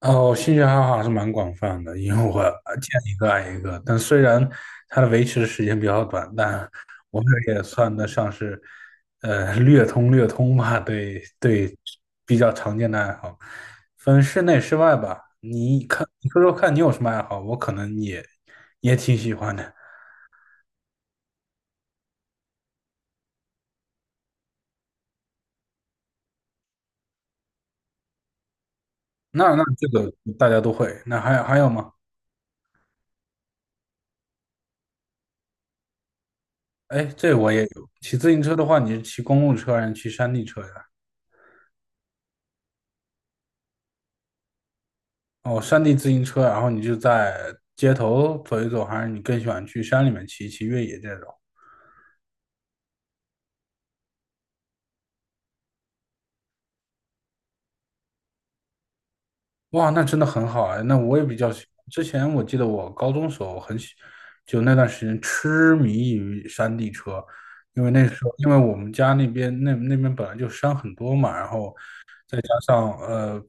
哦，兴趣爱好还是蛮广泛的，因为我见一个爱一个。但虽然它的维持时间比较短，但我这也算得上是，略通略通吧。对对，比较常见的爱好，分室内室外吧。你看，你说说看你有什么爱好？我可能也挺喜欢的。那这个大家都会。那还有吗？哎，这我也有。骑自行车的话，你是骑公路车还是骑山地车呀？哦，山地自行车，然后你就在街头走一走，还是你更喜欢去山里面骑一骑越野这种？哇，那真的很好啊！那我也比较喜欢，之前我记得我高中时候就那段时间痴迷于山地车，因为那时候我们家那边本来就山很多嘛，然后再加上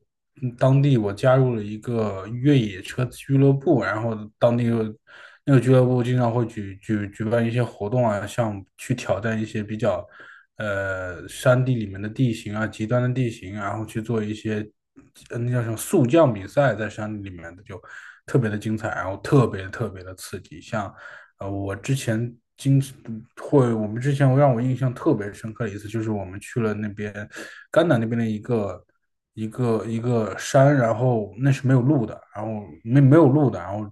当地我加入了一个越野车俱乐部，然后当地有那个俱乐部经常会举办一些活动啊，像去挑战一些比较山地里面的地形啊，极端的地形，然后去做一些那叫什么速降比赛，在山里面的就特别的精彩，然后特别特别的刺激，像。呃，我之前经我们之前让我印象特别深刻的一次，就是我们去了那边甘南那边的一个山，然后那是没有路的，然后没有路的，然后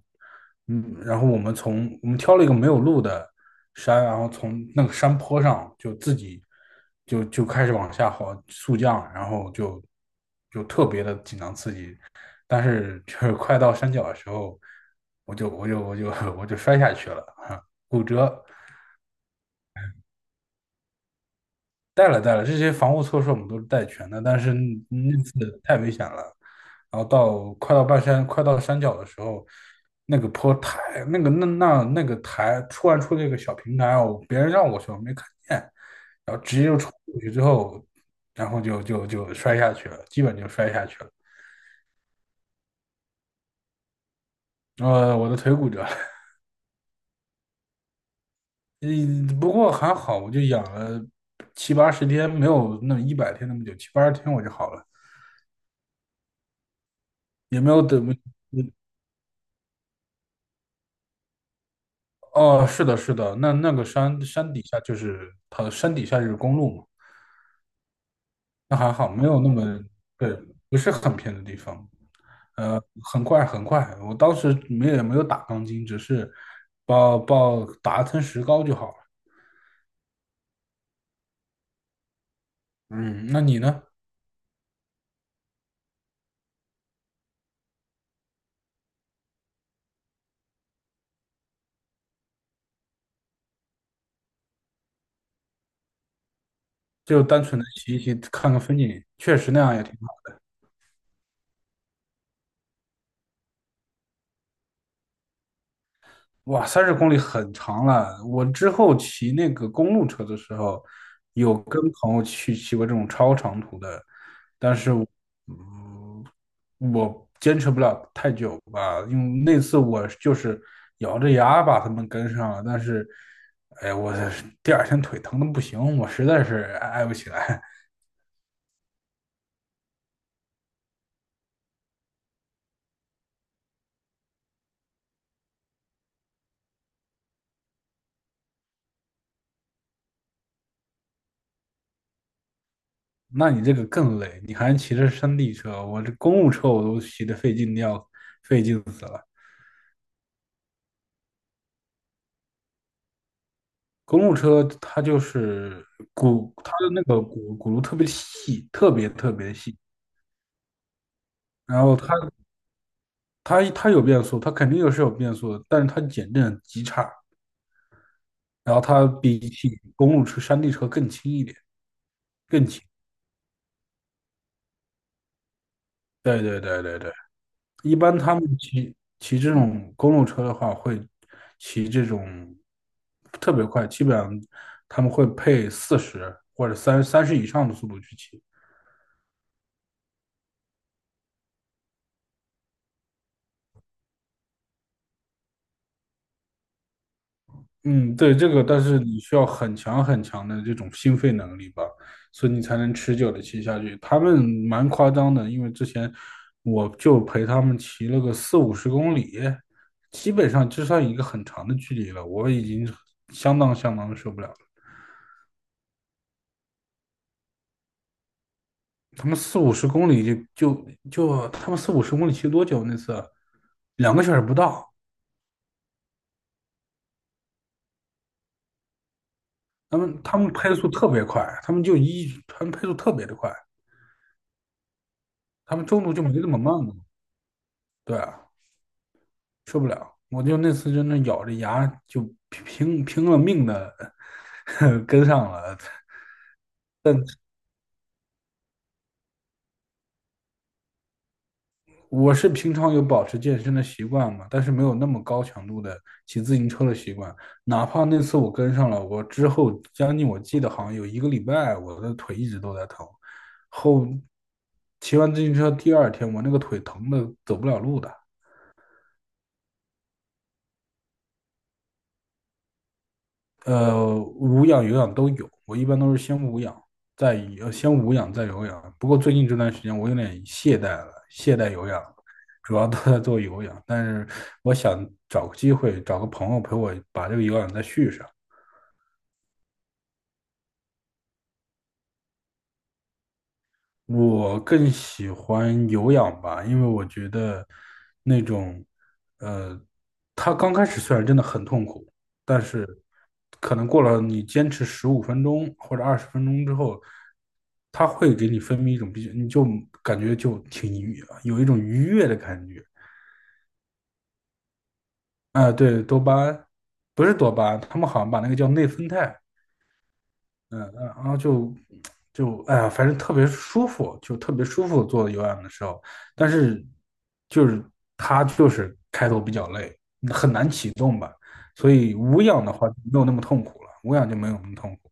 然后我们挑了一个没有路的山，然后从那个山坡上就自己就开始往下滑速降，然后就特别的紧张刺激，但是就是快到山脚的时候，我就我就我就我就摔下去了，骨折。带了带了，这些防护措施我们都是带全的，但是那次太危险了。然后到快到半山，快到山脚的时候，那个坡台，那个台突然出了一个小平台，别人让我去，我没看见，然后直接就冲过去之后，然后就摔下去了，基本就摔下去了。我的腿骨折了，嗯，不过还好，我就养了七八十天，没有那100天那么久，七八十天我就好了，也没有等。哦，是的，是的，那个山底下就是它的山底下就是公路嘛。那还好，没有那么，对，不是很偏的地方。呃，很快很快，我当时没也没有打钢筋，只是报打一层石膏就好了。嗯，那你呢？就单纯的骑一骑，看看风景，确实那样也挺好。哇，30公里很长了。我之后骑那个公路车的时候，有跟朋友去骑过这种超长途的，但是我，嗯，我坚持不了太久吧，因为那次我就是咬着牙把他们跟上了，但是，哎，我第二天腿疼的不行，我实在是挨不起来。那你这个更累，你还骑着山地车，我这公路车我都骑得费劲的要费劲死了。公路车它就是它的那个轱辘特别细，特别特别细，然后它有变速，它肯定有是有变速的，但是它减震极差，然后它比起公路车、山地车更轻一点，更轻。对对对对对，一般他们骑这种公路车的话，会骑这种特别快，基本上他们会配四十或者三十以上的速度去骑。嗯，对，这个，但是你需要很强很强的这种心肺能力吧，所以你才能持久的骑下去。他们蛮夸张的，因为之前我就陪他们骑了个四五十公里，基本上就算一个很长的距离了，我已经相当相当的受不了了。他们四五十公里他们四五十公里骑多久那次啊？2个小时不到，他们配速特别的快，他们中途就没那么慢了。对啊。受不了。我就那次真的咬着牙就拼了命的 跟上了。我是平常有保持健身的习惯嘛，但是没有那么高强度的骑自行车的习惯。哪怕那次我跟上了，我之后将近我记得好像有一个礼拜，我的腿一直都在疼。后骑完自行车第二天，我那个腿疼的走不了路的。无氧有氧都有，我一般都是先无氧，再再有氧。不过最近这段时间我有点懈怠了，懈怠有氧，主要都在做有氧。但是我想找个机会，找个朋友陪我把这个有氧再续上。我更喜欢有氧吧，因为我觉得那种，呃，它刚开始虽然真的很痛苦，但是可能过了你坚持15分钟或者20分钟之后，它会给你分泌一种比较，你就感觉就挺愉，有一种愉悦的感觉。啊、对，多巴胺，不是多巴胺，他们好像把那个叫内啡肽，然后哎呀，反正特别舒服，就特别舒服做有氧的时候，但是就是它就是开头比较累，很难启动吧，所以无氧的话就没有那么痛苦了，无氧就没有那么痛苦，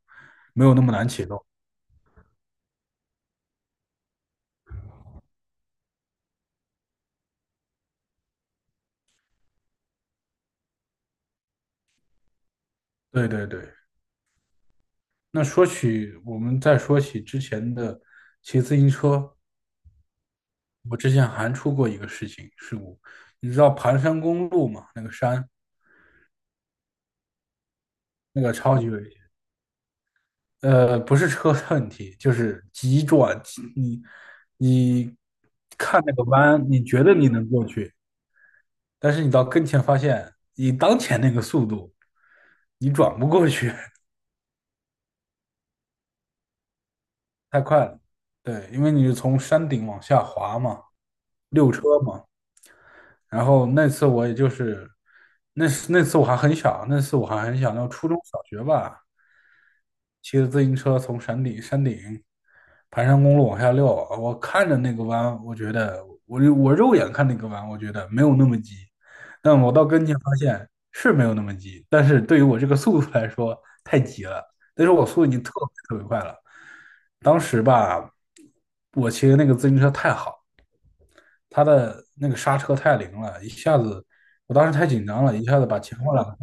没有那么难启动。对对对，那说起我们再说起之前的骑自行车，我之前还出过一个事故，你知道盘山公路嘛？那个山，那个超级危险。不是车的问题，就是急转，你你看那个弯，你觉得你能过去，但是你到跟前发现，以当前那个速度，你转不过去，太快了。对，因为你是从山顶往下滑嘛，溜车嘛，然后那次我也就是，那次我还很小，那初中小学吧，骑着自行车从山顶盘山公路往下溜，我看着那个弯，我觉得我肉眼看那个弯，我觉得没有那么急，但我到跟前发现是没有那么急，但是对于我这个速度来说太急了，那时候我速度已经特别特别快了，当时吧，我骑的那个自行车太好。他的那个刹车太灵了，一下子，我当时太紧张了，一下子把前后两个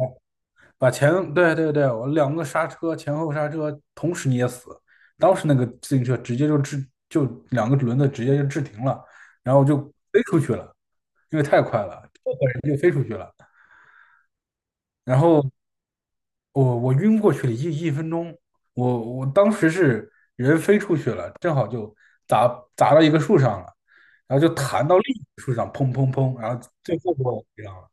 对对对，我两个刹车前后刹车同时捏死，当时那个自行车直接就就两个轮子直接就制停了，然后就飞出去了，因为太快了，这个人就飞出去了。然后我晕过去了一分钟，我当时是人飞出去了，正好就砸砸到一个树上了，然后就弹到另一棵树上，砰砰砰，然后最后把我击上了。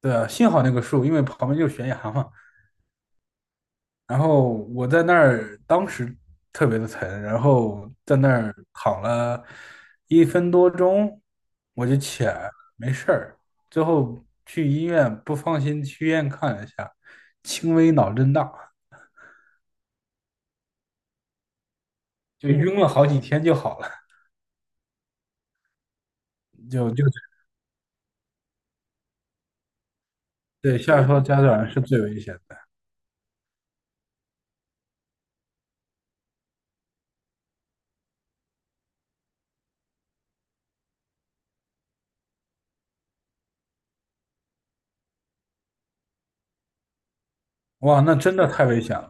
对啊，幸好那个树，因为旁边就是悬崖嘛。然后我在那儿，当时特别的疼，然后在那儿躺了1分多钟，我就起来了没事儿。最后去医院，不放心去医院看了一下，轻微脑震荡。就晕了好几天就好了，就就对下车加转是最危险的。哇，那真的太危险了！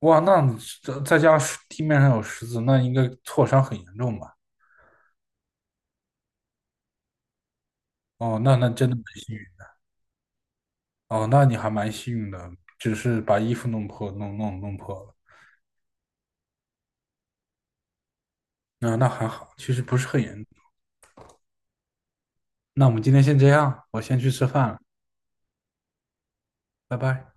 哇，那再加上地面上有石子，那应该挫伤很严重吧？哦，那真的蛮幸运的哦，那你还蛮幸运的，只是把衣服弄破，弄破了。那还好，其实不是很严重。那我们今天先这样，我先去吃饭了，拜拜。